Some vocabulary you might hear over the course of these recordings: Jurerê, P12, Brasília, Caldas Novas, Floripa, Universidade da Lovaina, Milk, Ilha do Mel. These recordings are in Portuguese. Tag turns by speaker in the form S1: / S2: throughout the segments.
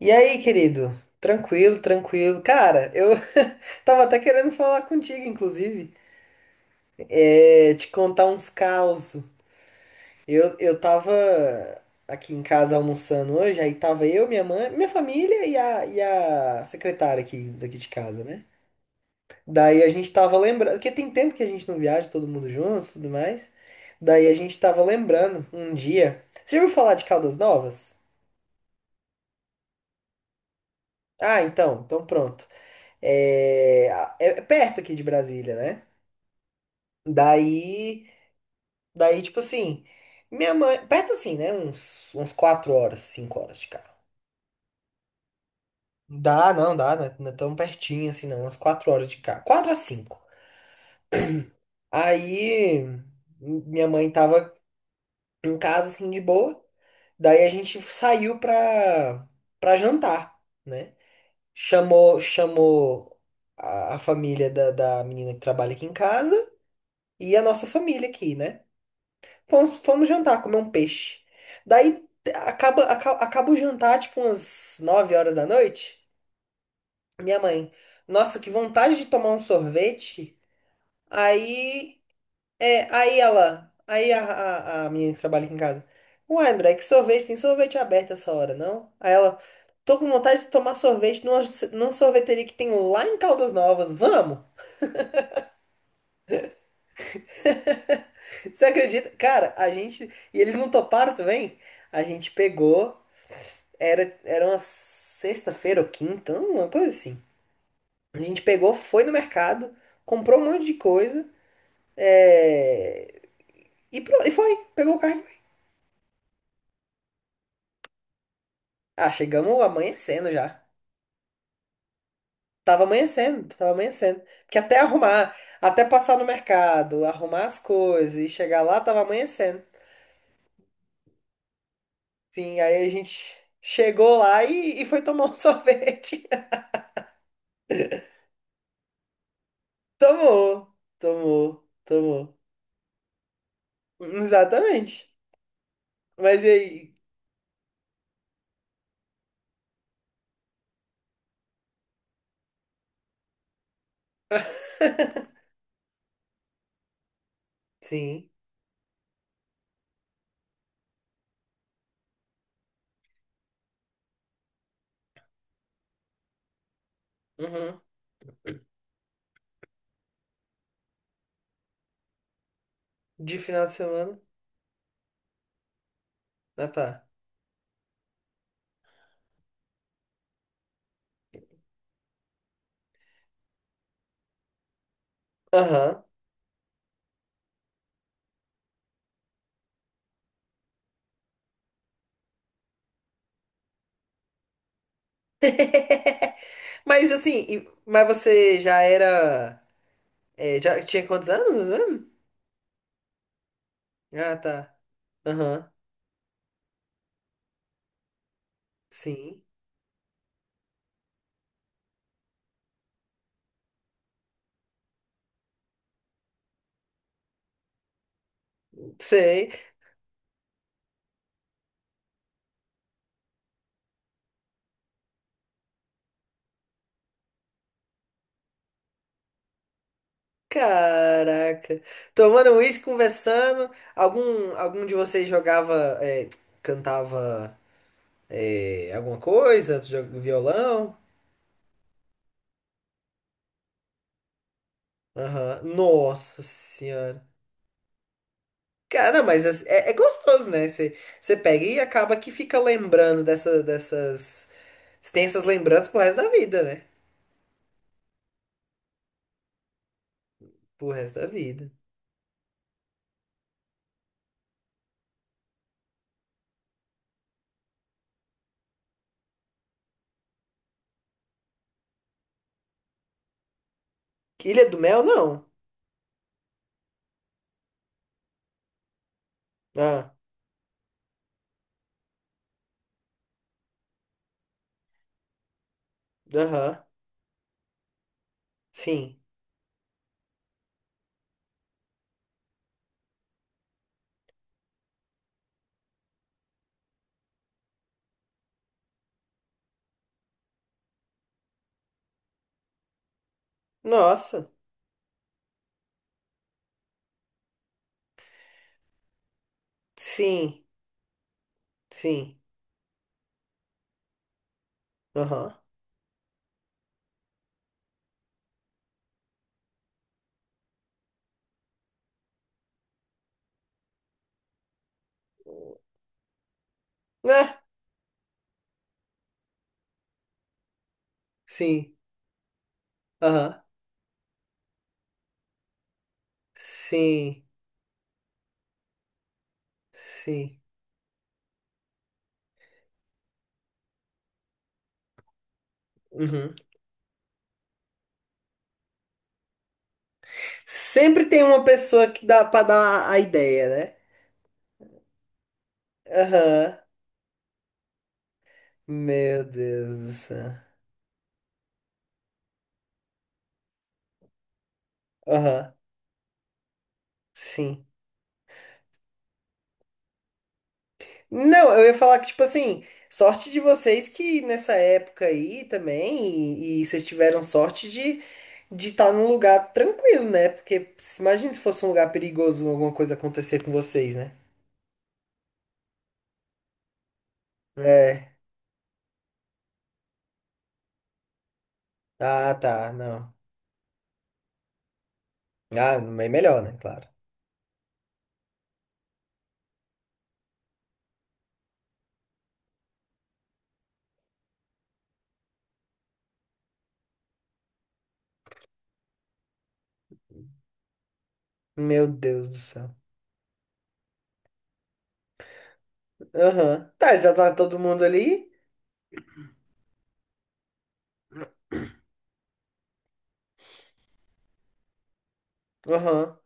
S1: E aí, querido? Tranquilo, tranquilo. Cara, eu tava até querendo falar contigo, inclusive. É, te contar uns caos. Eu tava aqui em casa almoçando hoje, aí tava eu, minha mãe, minha família e a secretária aqui, daqui de casa, né? Daí a gente tava lembrando, porque tem tempo que a gente não viaja, todo mundo junto e tudo mais. Daí a gente tava lembrando um dia. Você já ouviu falar de Caldas Novas? Ah, então pronto. É, é perto aqui de Brasília, né? Daí, daí, tipo assim, minha mãe, perto assim, né? Uns 4 horas, 5 horas de carro. Dá, não, dá, né? Não é tão pertinho assim, não. Umas 4 horas de carro, 4 a 5. Aí, minha mãe tava em casa, assim, de boa. Daí a gente saiu pra jantar, né? Chamou a família da menina que trabalha aqui em casa e a nossa família aqui, né? Fomos jantar, comer um peixe. Daí acaba o jantar, tipo, umas 9 horas da noite. Minha mãe, nossa, que vontade de tomar um sorvete. Aí, é, aí ela, aí a menina que trabalha aqui em casa. Uai, André, que sorvete? Tem sorvete aberto essa hora, não? Aí ela, tô com vontade de tomar sorvete numa sorveteria que tem lá em Caldas Novas. Vamos? Você acredita? Cara, a gente. E eles não toparam também? A gente pegou. Era uma sexta-feira ou quinta, uma coisa assim. A gente pegou, foi no mercado, comprou um monte de coisa, é, e foi. Pegou o carro e foi. Ah, chegamos amanhecendo já. Tava amanhecendo, tava amanhecendo. Porque até arrumar, até passar no mercado, arrumar as coisas e chegar lá, tava amanhecendo. Sim, aí a gente chegou lá e foi tomar um sorvete. Tomou, tomou, tomou. Exatamente. Mas e aí? Sim. Uhum. De final de semana? Ah, tá. Aham. Mas assim, mas você já era. É, já tinha quantos anos mesmo? Ah, tá. Aham. Sim. Sei. Caraca. Tomando uísque, conversando. Algum de vocês jogava, é, cantava, é, alguma coisa? Violão? Aham. Nossa senhora. Cara, mas é gostoso, né? Você pega e acaba que fica lembrando dessa, dessas. Você tem essas lembranças pro resto da vida, né? Pro resto da vida. Que Ilha do Mel, não. Ah, aham. Sim. Nossa. Sim. Sim. Aham. Né? Sim. Aham. Sim. Sim. Uhum. Sempre tem uma pessoa que dá pra dar a ideia, né? Aham. Meu Deus do céu. Aham. Sim. Não, eu ia falar que, tipo assim, sorte de vocês que nessa época aí também, e vocês tiveram sorte de estar num lugar tranquilo, né? Porque imagina se fosse um lugar perigoso, alguma coisa acontecer com vocês, né? É. Ah, tá, não. Ah, é melhor, né? Claro. Meu Deus do céu. Aham. Tá, já tá todo mundo ali? Aham.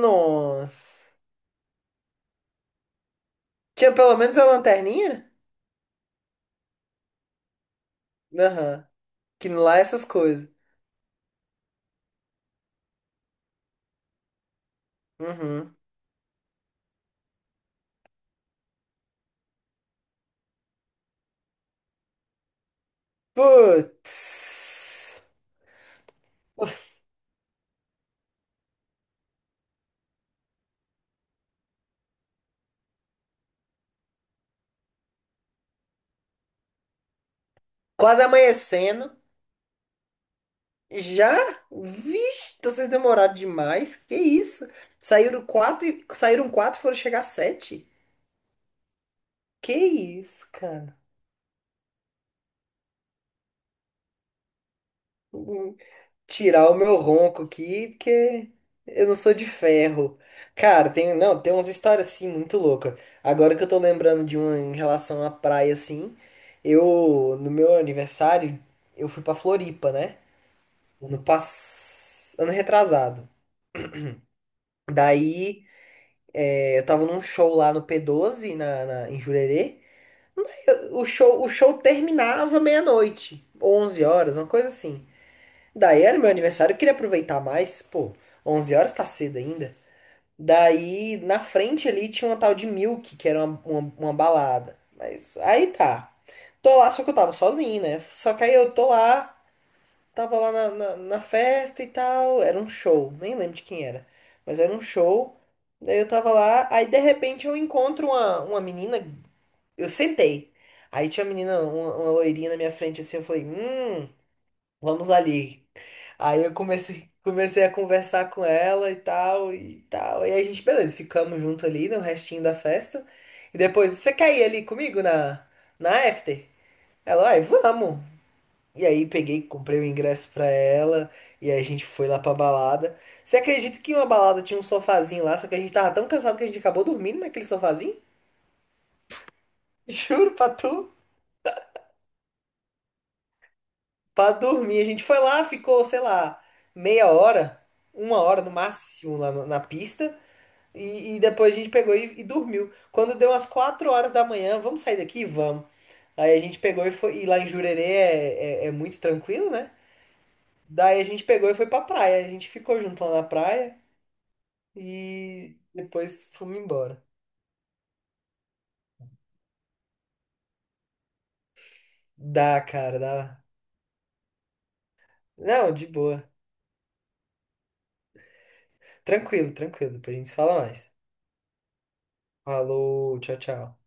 S1: Nossa. Tinha pelo menos a lanterninha? Aham. Que lá é essas coisas. Uhum. Putz. Quase amanhecendo. Já? Vixe, então vocês demoraram demais. Que isso? Saíram quatro, e foram chegar sete. Que isso, cara? Hum, Tirar o meu ronco aqui, porque eu não sou de ferro. Cara, tem, não, tem umas histórias assim muito loucas. Agora que eu tô lembrando de uma em relação à praia assim, eu no meu aniversário eu fui pra Floripa, né? Ano pass... ano retrasado. Daí eu tava num show lá no P12, em Jurerê. O show terminava meia-noite, 11 horas, uma coisa assim. Daí era meu aniversário, eu queria aproveitar mais. Pô, 11 horas tá cedo ainda. Daí, na frente ali, tinha uma tal de Milk, que era uma balada. Mas aí tá. Tô lá, só que eu tava sozinho, né? Só que aí eu tô lá. Tava lá na festa e tal, era um show, nem lembro de quem era, mas era um show. Daí eu tava lá, aí de repente eu encontro uma menina, eu sentei. Aí tinha uma menina, uma loirinha na minha frente assim, eu falei, vamos ali. Aí eu comecei a conversar com ela e tal, e tal. E aí a gente, beleza, ficamos junto ali no restinho da festa. E depois, você quer ir ali comigo na after? Ela, ai, vamos. E aí peguei, comprei o ingresso pra ela e aí a gente foi lá pra balada. Você acredita que uma balada tinha um sofazinho lá, só que a gente tava tão cansado que a gente acabou dormindo naquele sofazinho? Juro pra tu, pra dormir. A gente foi lá, ficou, sei lá, meia hora, uma hora no máximo lá na pista e depois a gente pegou e dormiu. Quando deu umas 4 horas da manhã, vamos sair daqui? Vamos. Aí a gente pegou e foi, e lá em Jurerê é muito tranquilo, né? Daí a gente pegou e foi pra praia. A gente ficou junto lá na praia. E depois fomos embora. Dá, cara, dá. Não, de boa. Tranquilo, tranquilo. Depois a gente se fala mais. Falou, tchau, tchau.